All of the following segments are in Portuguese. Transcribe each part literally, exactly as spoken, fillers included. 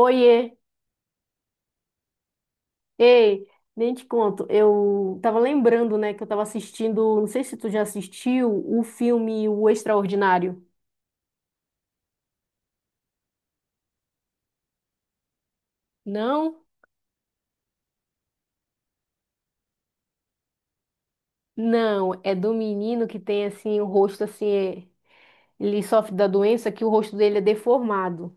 Oiê, ei, nem te conto. Eu tava lembrando, né, que eu tava assistindo, não sei se tu já assistiu o filme O Extraordinário. Não? Não, é do menino que tem assim o rosto assim, é- ele sofre da doença que o rosto dele é deformado.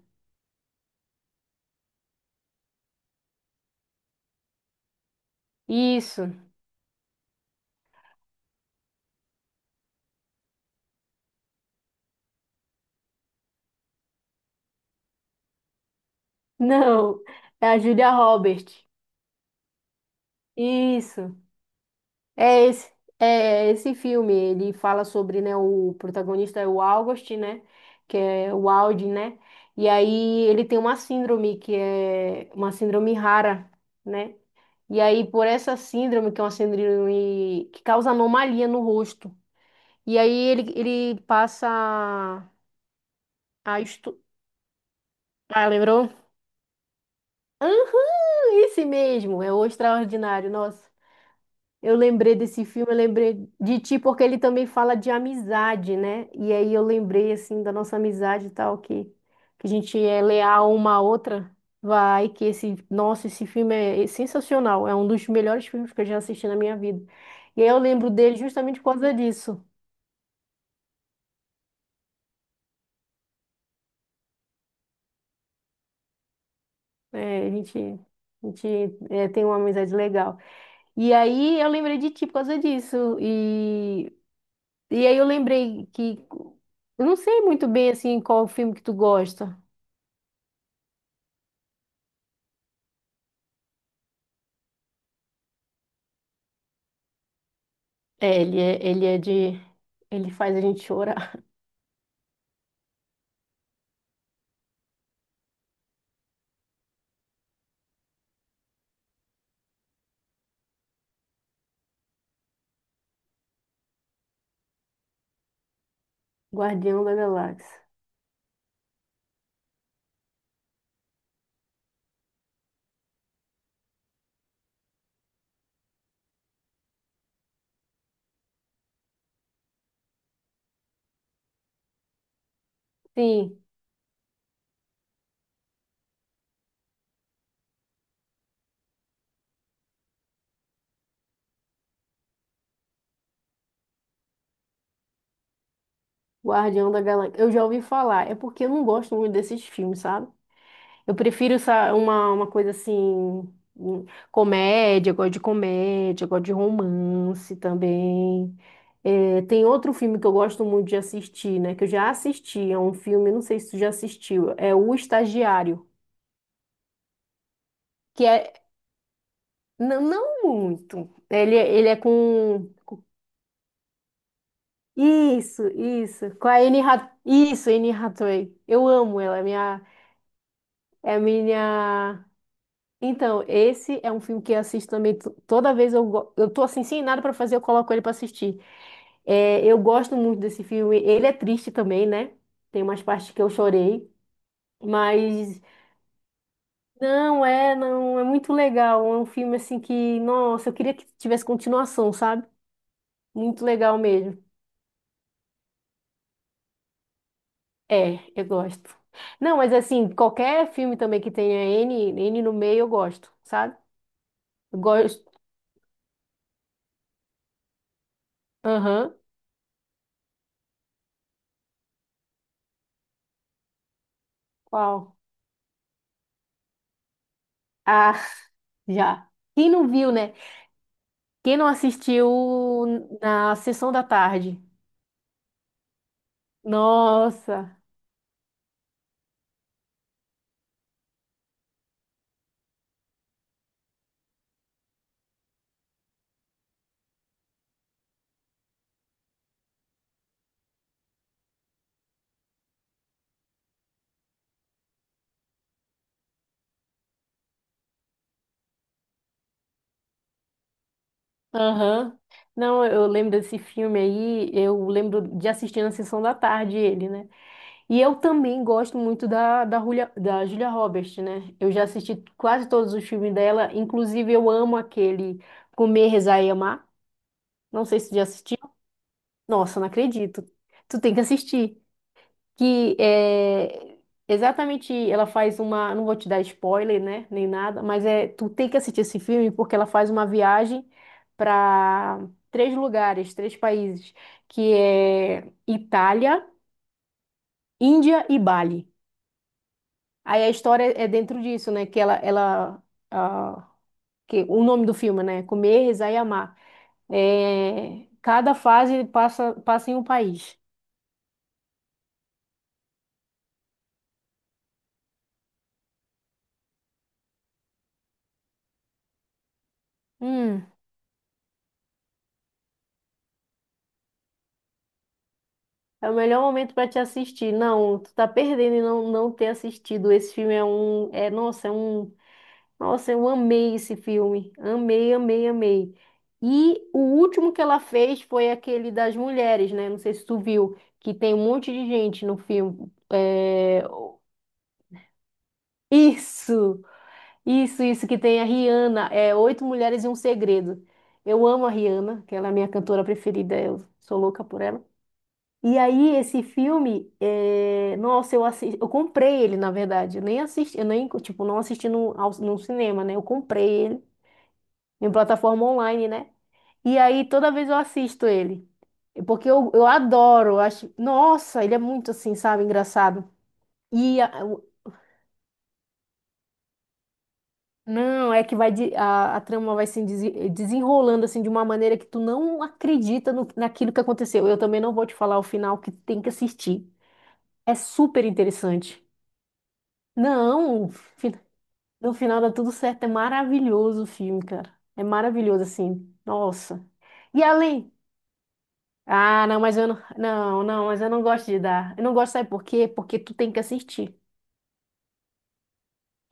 Isso. Não, é a Julia Roberts. Isso. É esse, é é esse filme, ele fala sobre, né, o protagonista é o August, né, que é o Audi, né, e aí ele tem uma síndrome que é uma síndrome rara, né, e aí por essa síndrome, que é uma síndrome que causa anomalia no rosto, e aí ele, ele passa a estu... Ah, lembrou? Aham, esse mesmo, é o Extraordinário, nossa. Eu lembrei desse filme, eu lembrei de ti, porque ele também fala de amizade, né? E aí eu lembrei, assim, da nossa amizade e tal, que, que a gente é leal uma à outra. Vai, que esse, nossa, esse filme é é sensacional, é um dos melhores filmes que eu já assisti na minha vida. E aí eu lembro dele justamente por causa disso. É, a gente, a gente é, tem uma amizade legal. E aí eu lembrei de ti por causa disso. E, e aí eu lembrei que. Eu não sei muito bem, assim, qual o filme que tu gosta. É, ele é, ele é de. Ele faz a gente chorar. Guardião da Galáxia. Sim, Guardião da Galáxia. Eu já ouvi falar. É porque eu não gosto muito desses filmes, sabe? Eu prefiro essa, uma, uma coisa assim. hum, Comédia, eu gosto de comédia, eu gosto de romance também. É, tem outro filme que eu gosto muito de assistir, né? Que eu já assisti. É um filme, não sei se tu já assistiu. É O Estagiário. Que é. n- Não muito. Ele, é, ele é com. Isso, isso. Com a Anne Hath... Isso, Anne Hathaway. Eu amo ela, é minha... é a minha... Então, esse é um filme que eu assisto também to- toda vez eu go- eu tô assim sem nada pra fazer, eu coloco ele pra assistir. É, eu gosto muito desse filme. Ele é triste também, né? Tem umas partes que eu chorei, mas não é, não é muito legal. É um filme assim que, nossa, eu queria que tivesse continuação, sabe? Muito legal mesmo. É, eu gosto. Não, mas assim, qualquer filme também que tenha N, N no meio, eu gosto, sabe? Eu gosto. Aham. Qual? Ah, já. Quem não viu, né? Quem não assistiu na sessão da tarde? Nossa. Aham. Não, eu lembro desse filme aí, eu lembro de assistir na sessão da tarde ele, né? E eu também gosto muito da, da, Julia, da Julia Roberts, né? Eu já assisti quase todos os filmes dela, inclusive eu amo aquele Comer, Rezar e Amar. Não sei se tu já assistiu. Nossa, não acredito. Tu tem que assistir. Que é exatamente, ela faz uma. Não vou te dar spoiler, né? Nem nada, mas é, tu tem que assistir esse filme porque ela faz uma viagem para três lugares, três países, que é Itália, Índia e Bali. Aí a história é dentro disso, né? Que ela, ela, ah, que o nome do filme, né? Comer, Rezar e Amar. É, cada fase passa, passa em um país. Hum, é o melhor momento para te assistir. Não, tu tá perdendo em não, não ter assistido. Esse filme é um, é, nossa, é um, nossa, eu amei esse filme. Amei, amei, amei. E o último que ela fez foi aquele das mulheres, né? Não sei se tu viu, que tem um monte de gente no filme. É, isso! Isso, isso, que tem a Rihanna, é Oito Mulheres e um Segredo. Eu amo a Rihanna, que ela é a minha cantora preferida, eu sou louca por ela. E aí, esse filme, é, nossa, eu assisti, eu comprei ele, na verdade. Eu nem assisti, eu nem, tipo, não assisti no, ao- no cinema, né? Eu comprei ele em plataforma online, né? E aí, toda vez eu assisto ele. Porque eu, eu adoro, eu acho. Nossa, ele é muito assim, sabe, engraçado. E não, é que vai de- a, a trama vai se desen- eh, desenrolando assim de uma maneira que tu não acredita no- naquilo que aconteceu. Eu também não vou te falar o final que tem que assistir. É super interessante. Não, fi- no final dá tudo certo. É maravilhoso o filme, cara. É maravilhoso assim. Nossa. E além? Ah, não, mas eu não, não, não, mas eu não gosto de dar. Eu não gosto, sabe por quê? Porque tu tem que assistir.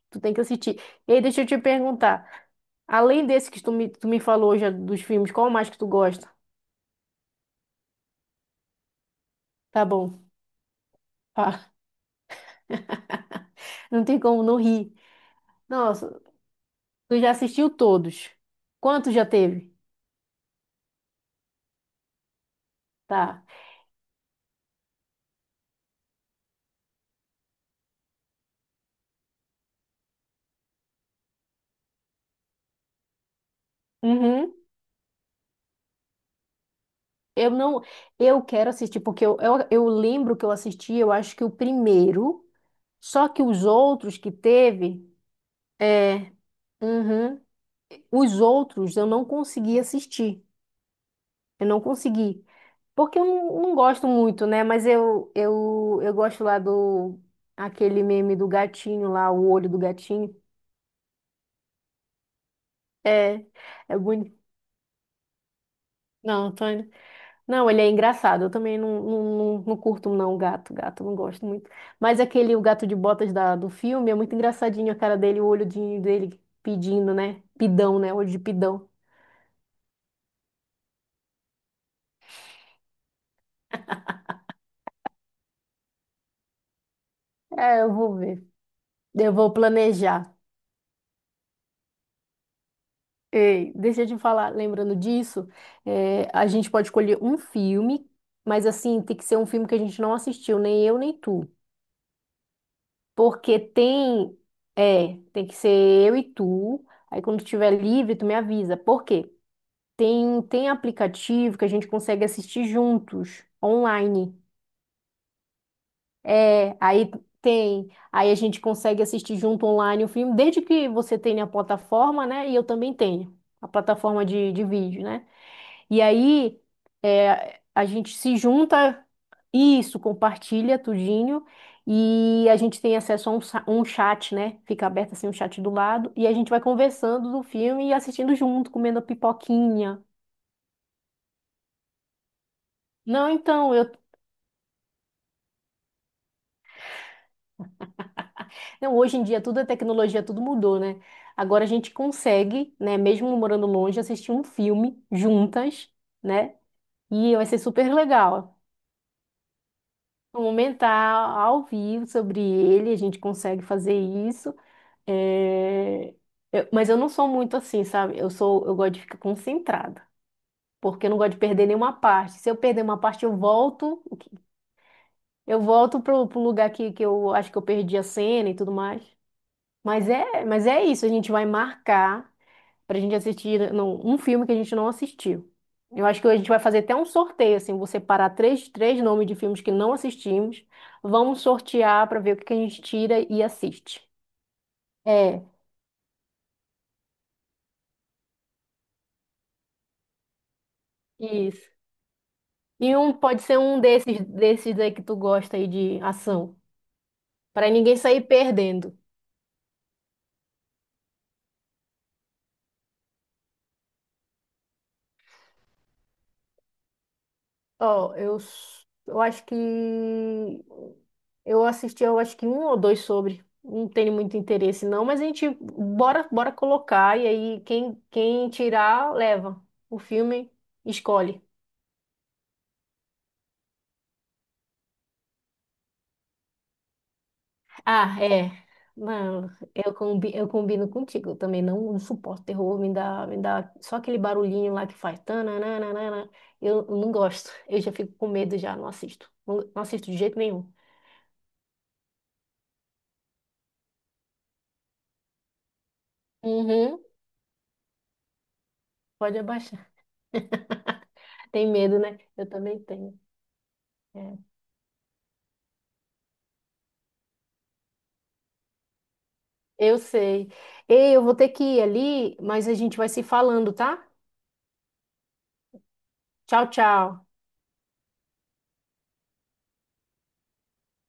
Tu tem que assistir. E aí, deixa eu te perguntar. Além desse que tu me, tu me falou já dos filmes, qual mais que tu gosta? Tá bom. Fala. Não tem como não rir. Nossa, tu já assistiu todos. Quantos já teve? Tá. Uhum. Eu não. Eu quero assistir, porque eu, eu, eu lembro que eu assisti, eu acho que o primeiro, só que os outros que teve. É. Uhum. Os outros eu não consegui assistir. Eu não consegui. Porque eu não, não gosto muito, né? Mas eu, eu, eu gosto lá do... Aquele meme do gatinho lá, o olho do gatinho. É, é bonito. Não, tô... indo- não, ele é engraçado. Eu também não, não, não, não curto, não, gato. Gato, não gosto muito. Mas aquele, o gato de botas da, do filme, é muito engraçadinho a cara dele, o olhodinho dele pedindo, né? Pidão, né? Olho de pidão. É, eu vou ver. Eu vou planejar. Ei, deixa eu te falar, lembrando disso, eh, a gente pode escolher um filme, mas assim, tem que ser um filme que a gente não assistiu, nem eu nem tu. Porque tem, é, tem que ser eu e tu. Aí quando tiver livre, tu me avisa. Por quê? Tem, tem aplicativo que a gente consegue assistir juntos, online. É, aí tem. Aí a gente consegue assistir junto online o filme, desde que você tenha a plataforma, né? E eu também tenho a plataforma de, de vídeo, né? E aí é, a gente se junta, isso, compartilha tudinho, e a gente tem acesso a um, sa- um chat, né? Fica aberto assim um chat do lado, e a gente vai conversando do filme e assistindo junto, comendo a pipoquinha. Não, então, eu, não, hoje em dia tudo é tecnologia, tudo mudou, né? Agora a gente consegue, né, mesmo morando longe, assistir um filme juntas, né? E vai ser super legal. Comentar ao vivo sobre ele, a gente consegue fazer isso. É, eu- mas eu não sou muito assim, sabe? Eu sou, eu gosto de ficar concentrada, porque eu não gosto de perder nenhuma parte. Se eu perder uma parte, eu volto, eu volto pro, pro lugar que, que eu acho que eu perdi a cena e tudo mais. Mas é, mas é isso, a gente vai marcar pra gente assistir né, não, um filme que a gente não assistiu. Eu acho que a gente vai fazer até um sorteio, assim, vou separar três, três nomes de filmes que não assistimos, vamos sortear pra ver o que que a gente tira e assiste. É, isso. E um pode ser um desses desses aí que tu gosta aí de ação, pra ninguém sair perdendo. Ó, eu s- eu acho que eu assisti eu acho que um ou dois sobre. Não tenho muito interesse não, mas a gente bora bora colocar e aí quem quem tirar leva. O filme escolhe. Ah, é. Não, eu, combi, eu combino contigo. Eu também não suporto terror, me dá, me dá só aquele barulhinho lá que faz. Tananana. Eu não gosto. Eu já fico com medo já, não assisto. Não, não assisto de jeito nenhum. Uhum, pode abaixar. Tem medo, né? Eu também tenho. É, eu sei. Ei, eu vou ter que ir ali, mas a gente vai se falando, tá? Tchau, tchau.